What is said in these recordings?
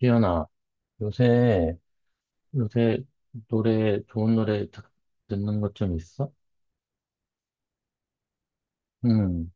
지연아, 요새, 요새 노래, 좋은 노래 듣는 것 좀 있어? 응.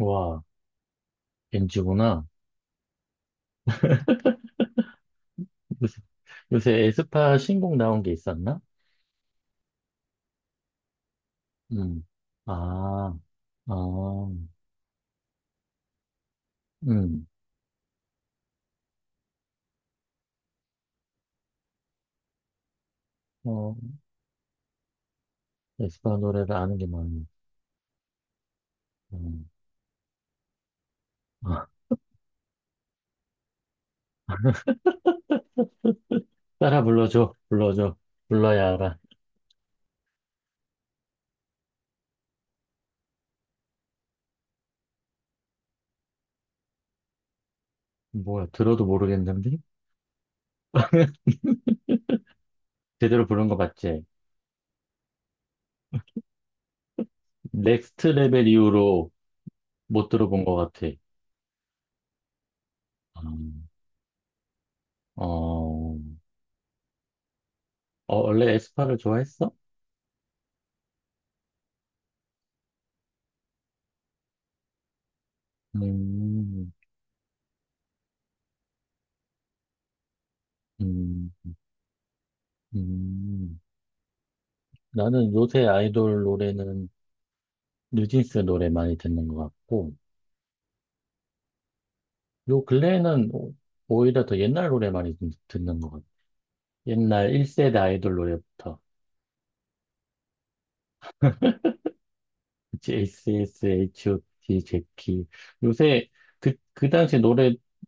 와, NG구나. 요새, 요새 에스파 신곡 나온 게 있었나? 응. 아, 아, 응. 어, 에스파 노래를 아는 게 많네. 음, 아, 따라 불러줘, 불러줘, 불러야 알아. 뭐야, 들어도 모르겠는데? 제대로 부른 거 맞지? 넥스트 레벨 이후로 못 들어본 것 같아. 아, 어, 원래 에스파를 좋아했어? 음. 음. 음. 나는 요새 아이돌 노래는 뉴진스 노래 많이 듣는 것 같고, 요 근래에는 오히려 더 옛날 노래 많이 듣는 것 같아. 옛날 1세대 아이돌 노래부터. 그치, a s H.O.T, 제키. 요새 그 당시 노래들도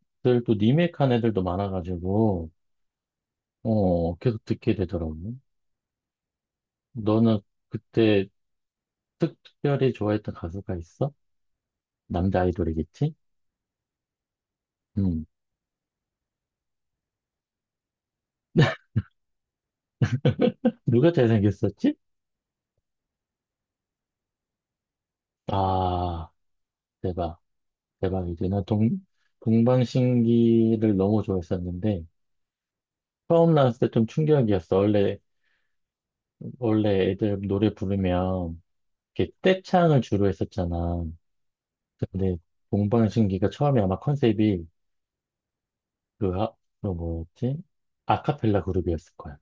리메이크한 애들도 많아가지고, 계속 듣게 되더라고. 너는 그때 특, 별히 좋아했던 가수가 있어? 남자 아이돌이겠지? 음. 누가 잘생겼었지? 아, 대박, 대박이지. 나 동방신기를 너무 좋아했었는데, 처음 나왔을 때 좀 충격이었어. 원래 애들 노래 부르면, 이렇게 떼창을 주로 했었잖아. 근데, 동방신기가 처음에 아마 컨셉이, 그, 아, 그 뭐였지? 아카펠라 그룹이었을 거야.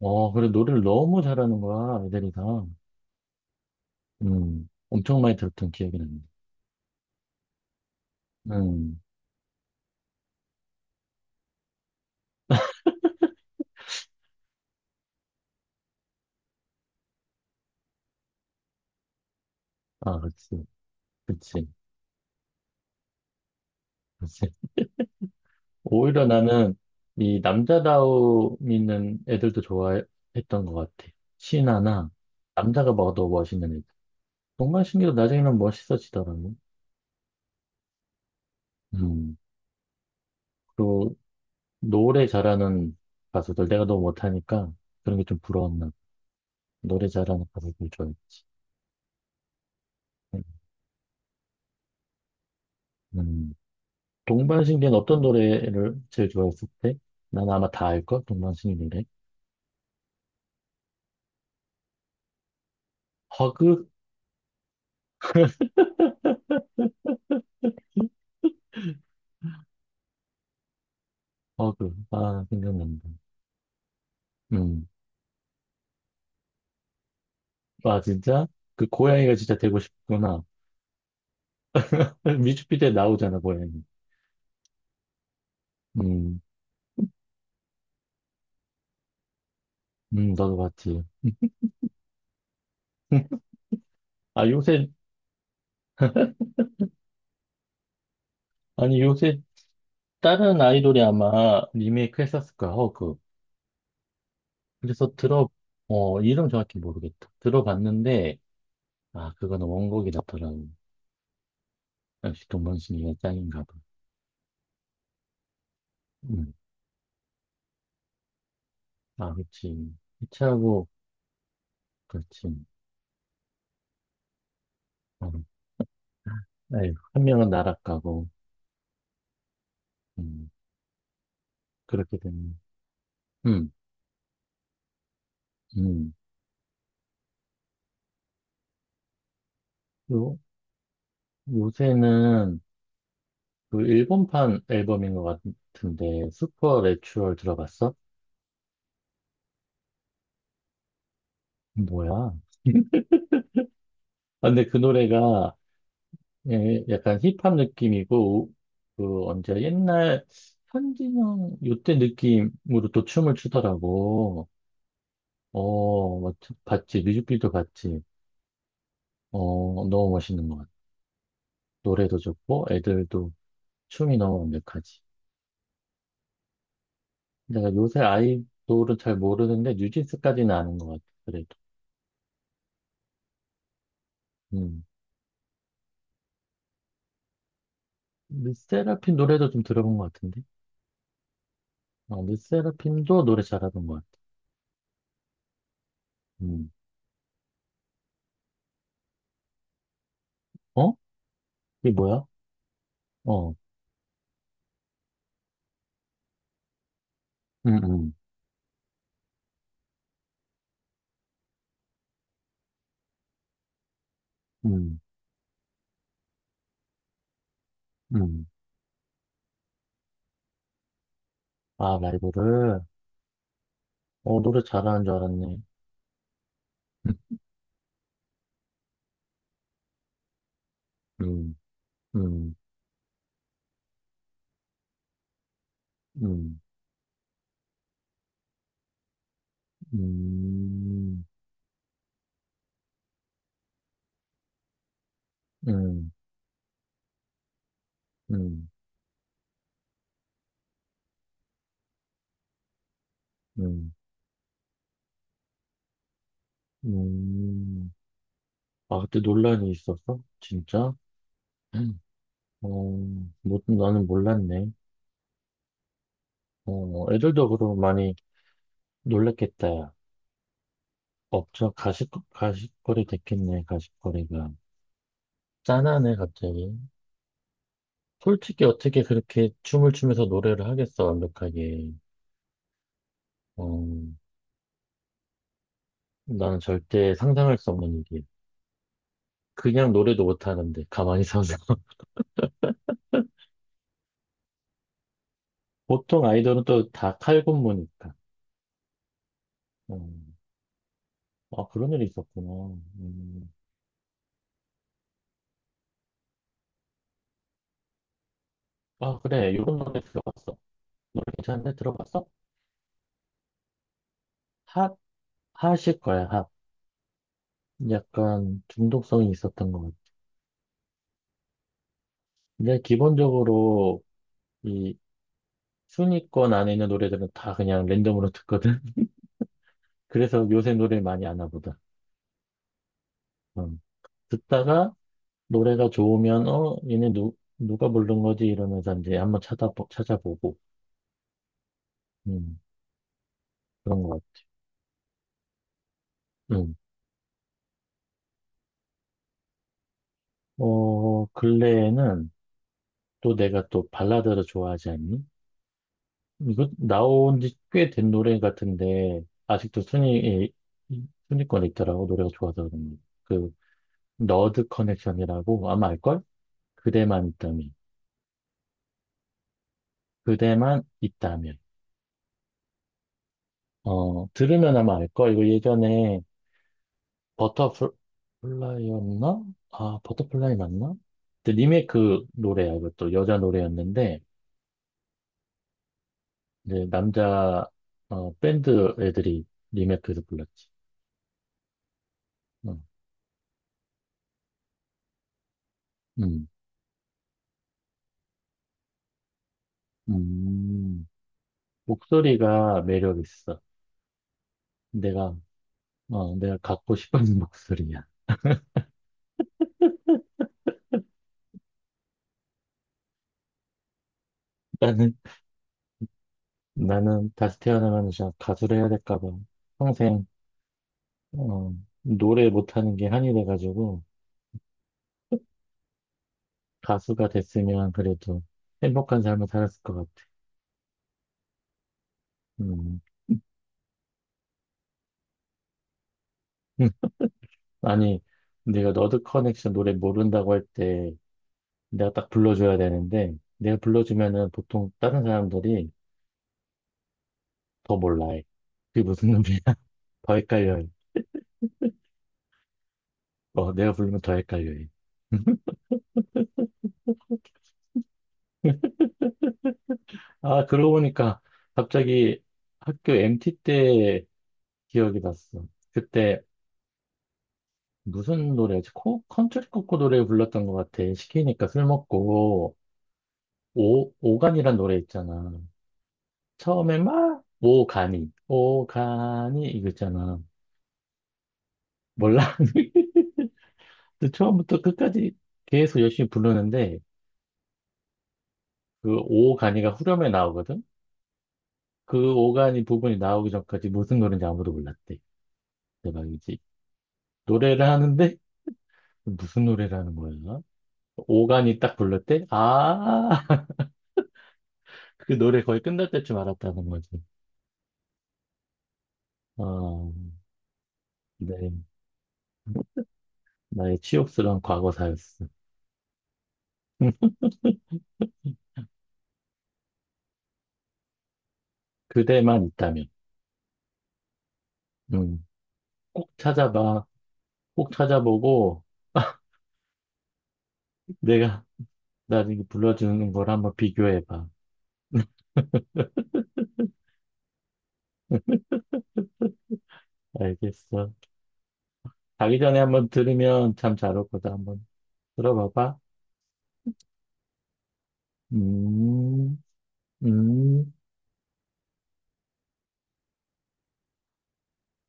그래, 노래를 너무 잘하는 거야, 애들이 다. 엄청 많이 들었던 기억이 나네. 음, 아, 그치, 그치. 그치. 오히려 나는 이 남자다움 있는 애들도 좋아했던 것 같아. 신하나 남자가 봐도 멋있는 애들. 동방신기도 나중에는 멋있어지더라고. 음. 그리고 노래 잘하는 가수들 내가 너무 못하니까 그런 게 좀 부러웠나. 노래 잘하는 가수들 좋아해. 음. 동방신기는 어떤 노래를 제일 좋아했을 때? 난 아마 다 알걸? 동방신기 노래. 허그? 허그. 아, 생각난다. 음. 아, 진짜? 그 고양이가 진짜 되고 싶구나. 뮤직비디오에 나오잖아, 고양이. 음. 음. 너도 봤지. 아, 요새, 아니, 요새 다른 아이돌이 아마 리메이크 했었을 거야, 허그. 그래서 들어, 이름 정확히 모르겠다. 들어봤는데, 아, 그거는 원곡이 낫더라고. 역시 동방신기가 짱인가 봐. 음, 아, 그치. 이치하고, 그렇지. 어, 에휴, 한 명은 나락 가고, 음, 그렇게 됐네. 음. 음. 요, 요새는, 그 일본판 앨범인 것 같은데 슈퍼 내추럴 들어봤어? 뭐야? 아, 근데 그 노래가 예, 약간 힙합 느낌이고 그 언제 옛날 현진영 요때 느낌으로 또 춤을 추더라고. 뭐, 봤지. 뮤직비디오 봤지. 너무 멋있는 것 같아. 노래도 좋고 애들도 춤이 너무 완벽하지. 내가 요새 아이돌은 잘 모르는데 뉴진스까지는 아는 것 같아. 그래도. 음. 르세라핌 노래도 좀 들어본 것 같은데. 르세라핌도 노래 잘하는 것 같아. 음. 어? 이게 뭐야? 어. 음. 음. 음. 음. 아, 라이브를. 노래 잘하는 줄 알았네. 음. 음. 음. 음. 음. 음. 음. 음. 음. 아, 그때 논란이 있었어? 진짜? 음. 어, 뭐, 나는 몰랐네. 애들도 그럼 많이 놀랬겠다. 야. 업저 가식거리 됐겠네, 가식거리가. 짠하네, 갑자기. 솔직히 어떻게 그렇게 춤을 추면서 노래를 하겠어, 완벽하게. 어, 나는 절대 상상할 수 없는 일이야. 그냥 노래도 못하는데, 가만히 서서. 보통 아이돌은 또 다 칼군무니까. 음, 아, 그런 일이 있었구나. 음, 아, 그래. 요런 노래 들어봤어. 노래 괜찮은데? 들어봤어? 핫, 핫일 거야, 핫. 약간 중독성이 있었던 것 같아. 근데 기본적으로 이 순위권 안에 있는 노래들은 다 그냥 랜덤으로 듣거든. 그래서 요새 노래 많이 아나 보다. 어. 듣다가 노래가 좋으면, 얘네 누 누가 부른 거지, 이러면서 이제 한번 찾아보고, 음 그런 것 같아. 음. 근래에는 또 내가 또 발라드를 좋아하지 않니? 이거 나온 지 꽤 된 노래 같은데 아직도 순위권에 있더라고, 노래가 좋아서 그런 거. 그 너드 커넥션이라고 아마 알걸? 그대만 있다면. 그대만 있다면. 들으면 아마 알걸, 이거 예전에 버터플라이였나? 아, 버터플라이 맞나? 근데 리메이크 노래야, 이것도. 여자 노래였는데, 이제 남자, 밴드 애들이 리메이크해서 불렀지. 어. 음. 음. 목소리가 매력 있어. 내가, 내가 갖고 싶은 목소리야. 나는, 나는 다시 태어나면 그냥 가수를 해야 될까 봐. 평생, 어, 노래 못하는 게 한이 돼가지고, 가수가 됐으면 그래도 행복한 삶을 살았을 것 같아. 음. 응. 아니, 내가 너드 커넥션 노래 모른다고 할 때 내가 딱 불러줘야 되는데, 내가 불러주면은 보통 다른 사람들이 더 몰라해. 그게 무슨 놈이야? 더 헷갈려해. 내가 부르면 더 헷갈려해. 아, 그러고 보니까 갑자기 학교 MT 때 기억이 났어. 그때 무슨 노래였지? 컨트리 코코 노래 불렀던 것 같아. 시키니까 술 먹고, 오간이란 노래 있잖아. 처음에 막 오가니, 오가니 이거 있잖아. 몰라. 근데 처음부터 끝까지 계속 열심히 부르는데, 그 오간이가 후렴에 나오거든? 그 오간이 부분이 나오기 전까지 무슨 노래인지 아무도 몰랐대. 대박이지. 노래를 하는데 무슨 노래를 하는 거야? 오간이 딱 불렀대? 아, 그 노래 거의 끝날 때쯤 알았다는 거지. 어. 네. 나의 치욕스러운 과거사였어. 그대만 있다면. 음, 꼭 찾아봐. 꼭 찾아보고 내가 나중에 불러주는 걸 한번 비교해봐. 알겠어. 자기 전에 한번 들으면 참 잘 올 거다. 한번 들어봐봐. 음. 음.